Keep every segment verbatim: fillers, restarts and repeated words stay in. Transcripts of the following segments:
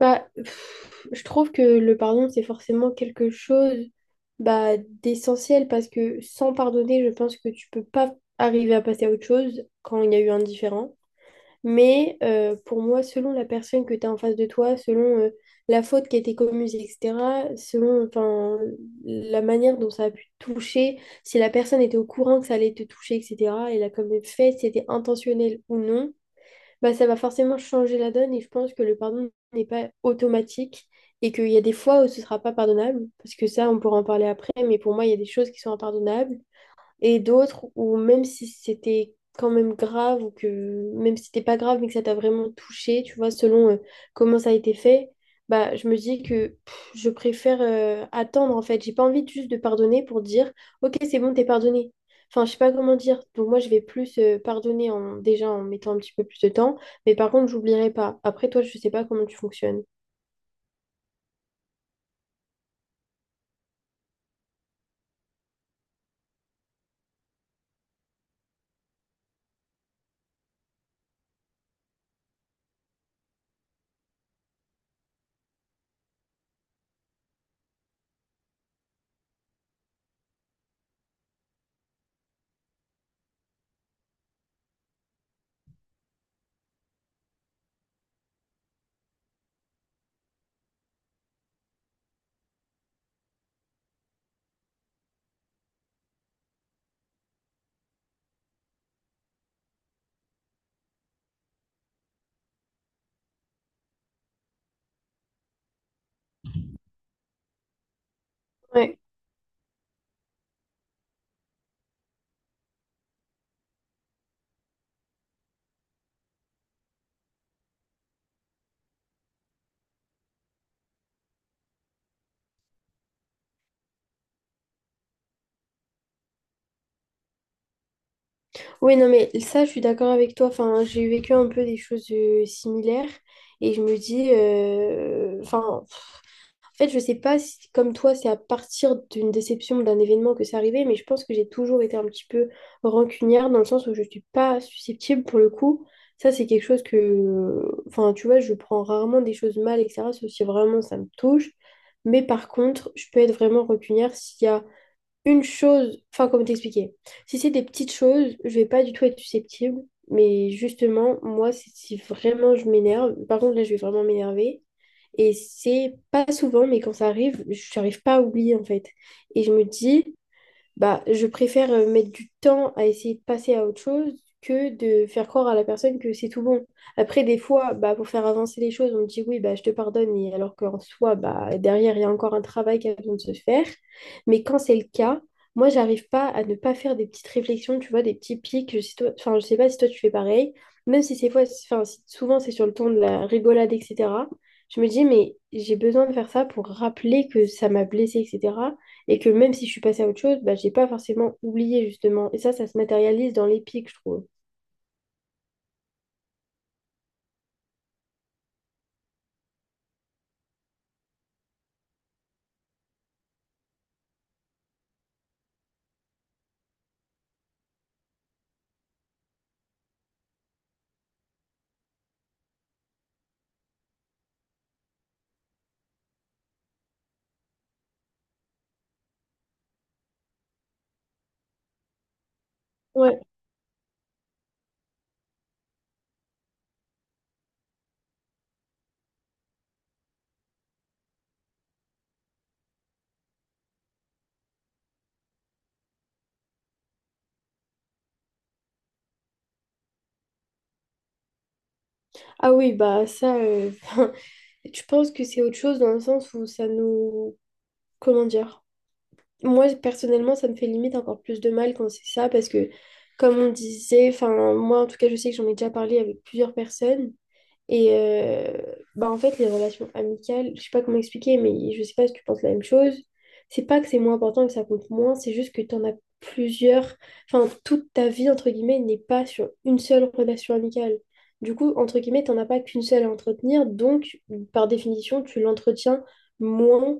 Bah, pff, je trouve que le pardon, c'est forcément quelque chose bah, d'essentiel parce que sans pardonner, je pense que tu peux pas arriver à passer à autre chose quand il y a eu un différend. Mais euh, pour moi, selon la personne que tu as en face de toi, selon euh, la faute qui a été commise, et cetera, selon enfin, la manière dont ça a pu te toucher, si la personne était au courant que ça allait te toucher, et cetera, et l'a quand même fait, si c'était intentionnel ou non, bah, ça va forcément changer la donne et je pense que le pardon n'est pas automatique et qu'il y a des fois où ce sera pas pardonnable, parce que ça, on pourra en parler après, mais pour moi, il y a des choses qui sont impardonnables et d'autres où même si c'était quand même grave ou que même si c'était pas grave mais que ça t'a vraiment touché, tu vois, selon euh, comment ça a été fait, bah je me dis que pff, je préfère euh, attendre en fait. J'ai pas envie juste de pardonner pour dire OK, c'est bon, t'es pardonné. Enfin, je sais pas comment dire. Donc moi je vais plus euh, pardonner en déjà en mettant un petit peu plus de temps, mais par contre, j'oublierai pas. Après toi, je sais pas comment tu fonctionnes. Ouais. Oui, non, mais ça, je suis d'accord avec toi. Enfin, j'ai vécu un peu des choses euh, similaires et je me dis, euh, enfin, pff, en fait, je sais pas si, comme toi, c'est à partir d'une déception, d'un événement que c'est arrivé, mais je pense que j'ai toujours été un petit peu rancunière dans le sens où je suis pas susceptible pour le coup. Ça, c'est quelque chose que, enfin, tu vois, je prends rarement des choses mal, et cetera, sauf si vraiment ça me touche. Mais par contre, je peux être vraiment rancunière s'il y a une chose, enfin, comment t'expliquer? Si c'est des petites choses, je vais pas du tout être susceptible. Mais justement, moi, si si vraiment je m'énerve, par contre, là, je vais vraiment m'énerver. Et c'est pas souvent, mais quand ça arrive, j'arrive pas à oublier, en fait. Et je me dis, bah, je préfère euh, mettre du temps à essayer de passer à autre chose que de faire croire à la personne que c'est tout bon. Après, des fois, bah, pour faire avancer les choses, on me dit oui, bah, je te pardonne, et alors qu'en soi, bah, derrière, il y a encore un travail qui a besoin de se faire. Mais quand c'est le cas, moi, j'arrive pas à ne pas faire des petites réflexions, tu vois, des petits pics. Je sais, toi- enfin, je sais pas si toi, tu fais pareil. Même si ces fois, enfin, si- souvent, c'est sur le ton de la rigolade, et cetera. Je me dis, mais j'ai besoin de faire ça pour rappeler que ça m'a blessée, et cetera. Et que même si je suis passée à autre chose, bah, j'ai pas forcément oublié justement. Et ça, ça se matérialise dans les pics je trouve. Ouais. Ah oui, bah ça, euh, je pense que c'est autre chose dans le sens où ça nous... Comment dire? Moi, personnellement, ça me fait limite encore plus de mal quand c'est ça parce que, comme on disait, enfin, moi, en tout cas, je sais que j'en ai déjà parlé avec plusieurs personnes. Et euh, bah en fait, les relations amicales, je sais pas comment expliquer, mais je sais pas si tu penses la même chose. C'est pas que c'est moins important et que ça compte moins, c'est juste que tu en as plusieurs. Enfin, toute ta vie, entre guillemets, n'est pas sur une seule relation amicale. Du coup, entre guillemets, t'en as pas qu'une seule à entretenir, donc par définition, tu l'entretiens moins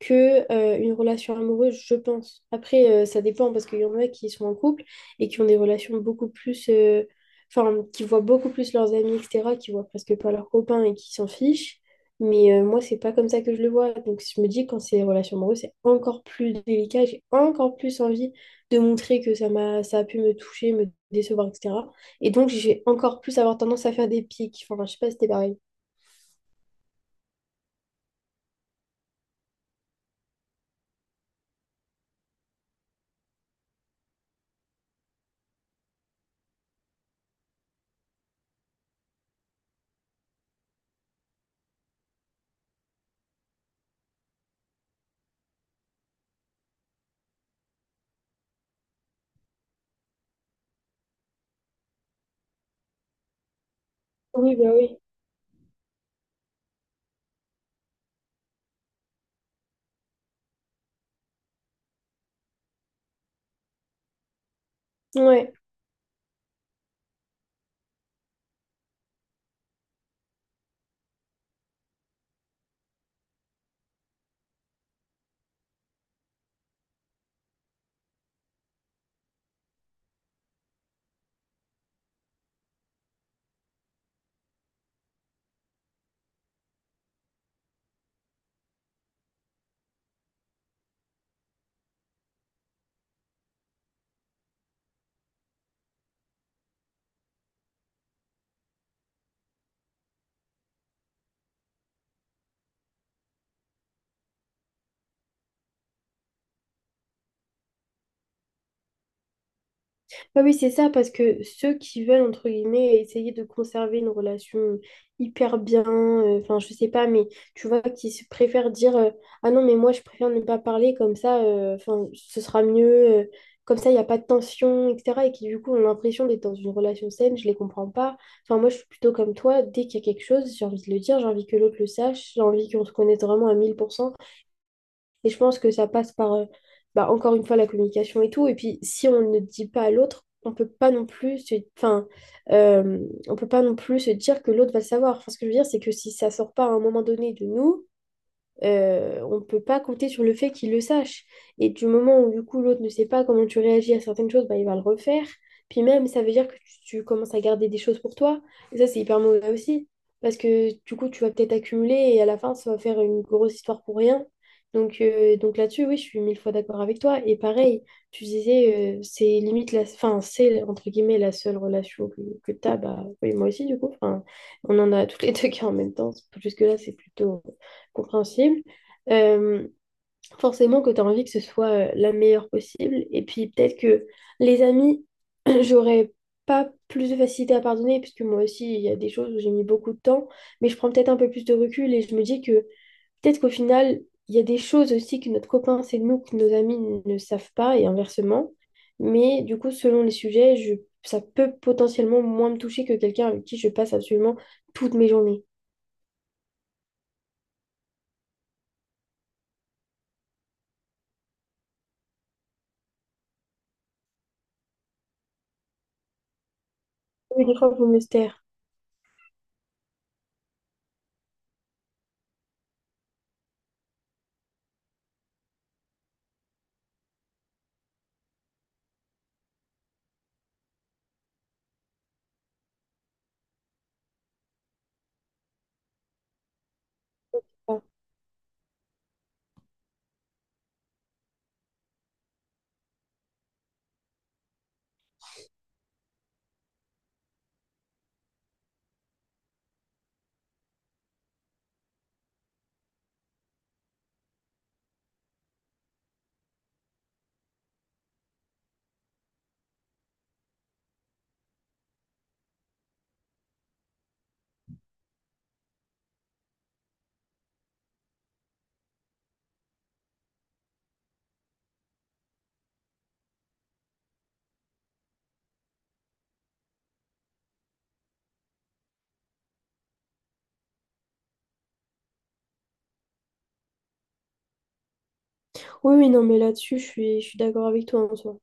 que euh, une relation amoureuse, je pense. Après, euh, ça dépend parce qu'il y en a qui sont en couple et qui ont des relations beaucoup plus, euh, enfin, qui voient beaucoup plus leurs amis, et cetera, qui voient presque pas leurs copains et qui s'en fichent. Mais euh, moi, c'est pas comme ça que je le vois. Donc, je me dis, quand c'est des relations amoureuses, c'est encore plus délicat. J'ai encore plus envie de montrer que ça m'a, ça a pu me toucher, me décevoir, et cetera. Et donc, j'ai encore plus avoir tendance à faire des pics. Enfin, je sais pas si c'était pareil. Oui, bah oui. Ouais. Ah oui, c'est ça, parce que ceux qui veulent, entre guillemets, essayer de conserver une relation hyper bien, euh, enfin, je sais pas, mais tu vois, qui se préfèrent dire euh, Ah non, mais moi, je préfère ne pas parler, comme ça, euh, enfin, ce sera mieux, euh, comme ça, il n'y a pas de tension, et cetera. Et qui, du coup, ont l'impression d'être dans une relation saine, je les comprends pas. Enfin, moi, je suis plutôt comme toi, dès qu'il y a quelque chose, j'ai envie de le dire, j'ai envie que l'autre le sache, j'ai envie qu'on se connaisse vraiment à mille pour cent et je pense que ça passe par, euh, bah, encore une fois, la communication et tout. Et puis, si on ne dit pas à l'autre, on peut pas non plus se... enfin, euh, on peut pas non plus se dire que l'autre va le savoir. Enfin, ce que je veux dire, c'est que si ça sort pas à un moment donné de nous, euh, on ne peut pas compter sur le fait qu'il le sache. Et du moment où, du coup, l'autre ne sait pas comment tu réagis à certaines choses, bah, il va le refaire. Puis même, ça veut dire que tu, tu commences à garder des choses pour toi. Et ça, c'est hyper mauvais aussi. Parce que, du coup, tu vas peut-être accumuler et à la fin, ça va faire une grosse histoire pour rien. Donc, euh, donc là-dessus, oui, je suis mille fois d'accord avec toi. Et pareil, tu disais, euh, c'est limite la... Enfin, c'est, entre guillemets, la seule relation que, que tu as. Bah, oui, moi aussi, du coup. Enfin, on en a tous les deux qui en même temps. Jusque-là, c'est plutôt compréhensible. Euh, forcément que tu as envie que ce soit euh, la meilleure possible. Et puis peut-être que les amis, j'aurais pas plus de facilité à pardonner, puisque moi aussi, il y a des choses où j'ai mis beaucoup de temps, mais je prends peut-être un peu plus de recul et je me dis que peut-être qu'au final, il y a des choses aussi que notre copain sait de nous, que nos amis ne savent pas, et inversement. Mais du coup, selon les sujets, je, ça peut potentiellement moins me toucher que quelqu'un avec qui je passe absolument toutes mes journées. Mais des fois, il faut me se taire. Oui, oui, non, mais là-dessus, je suis, je suis d'accord avec toi en soi.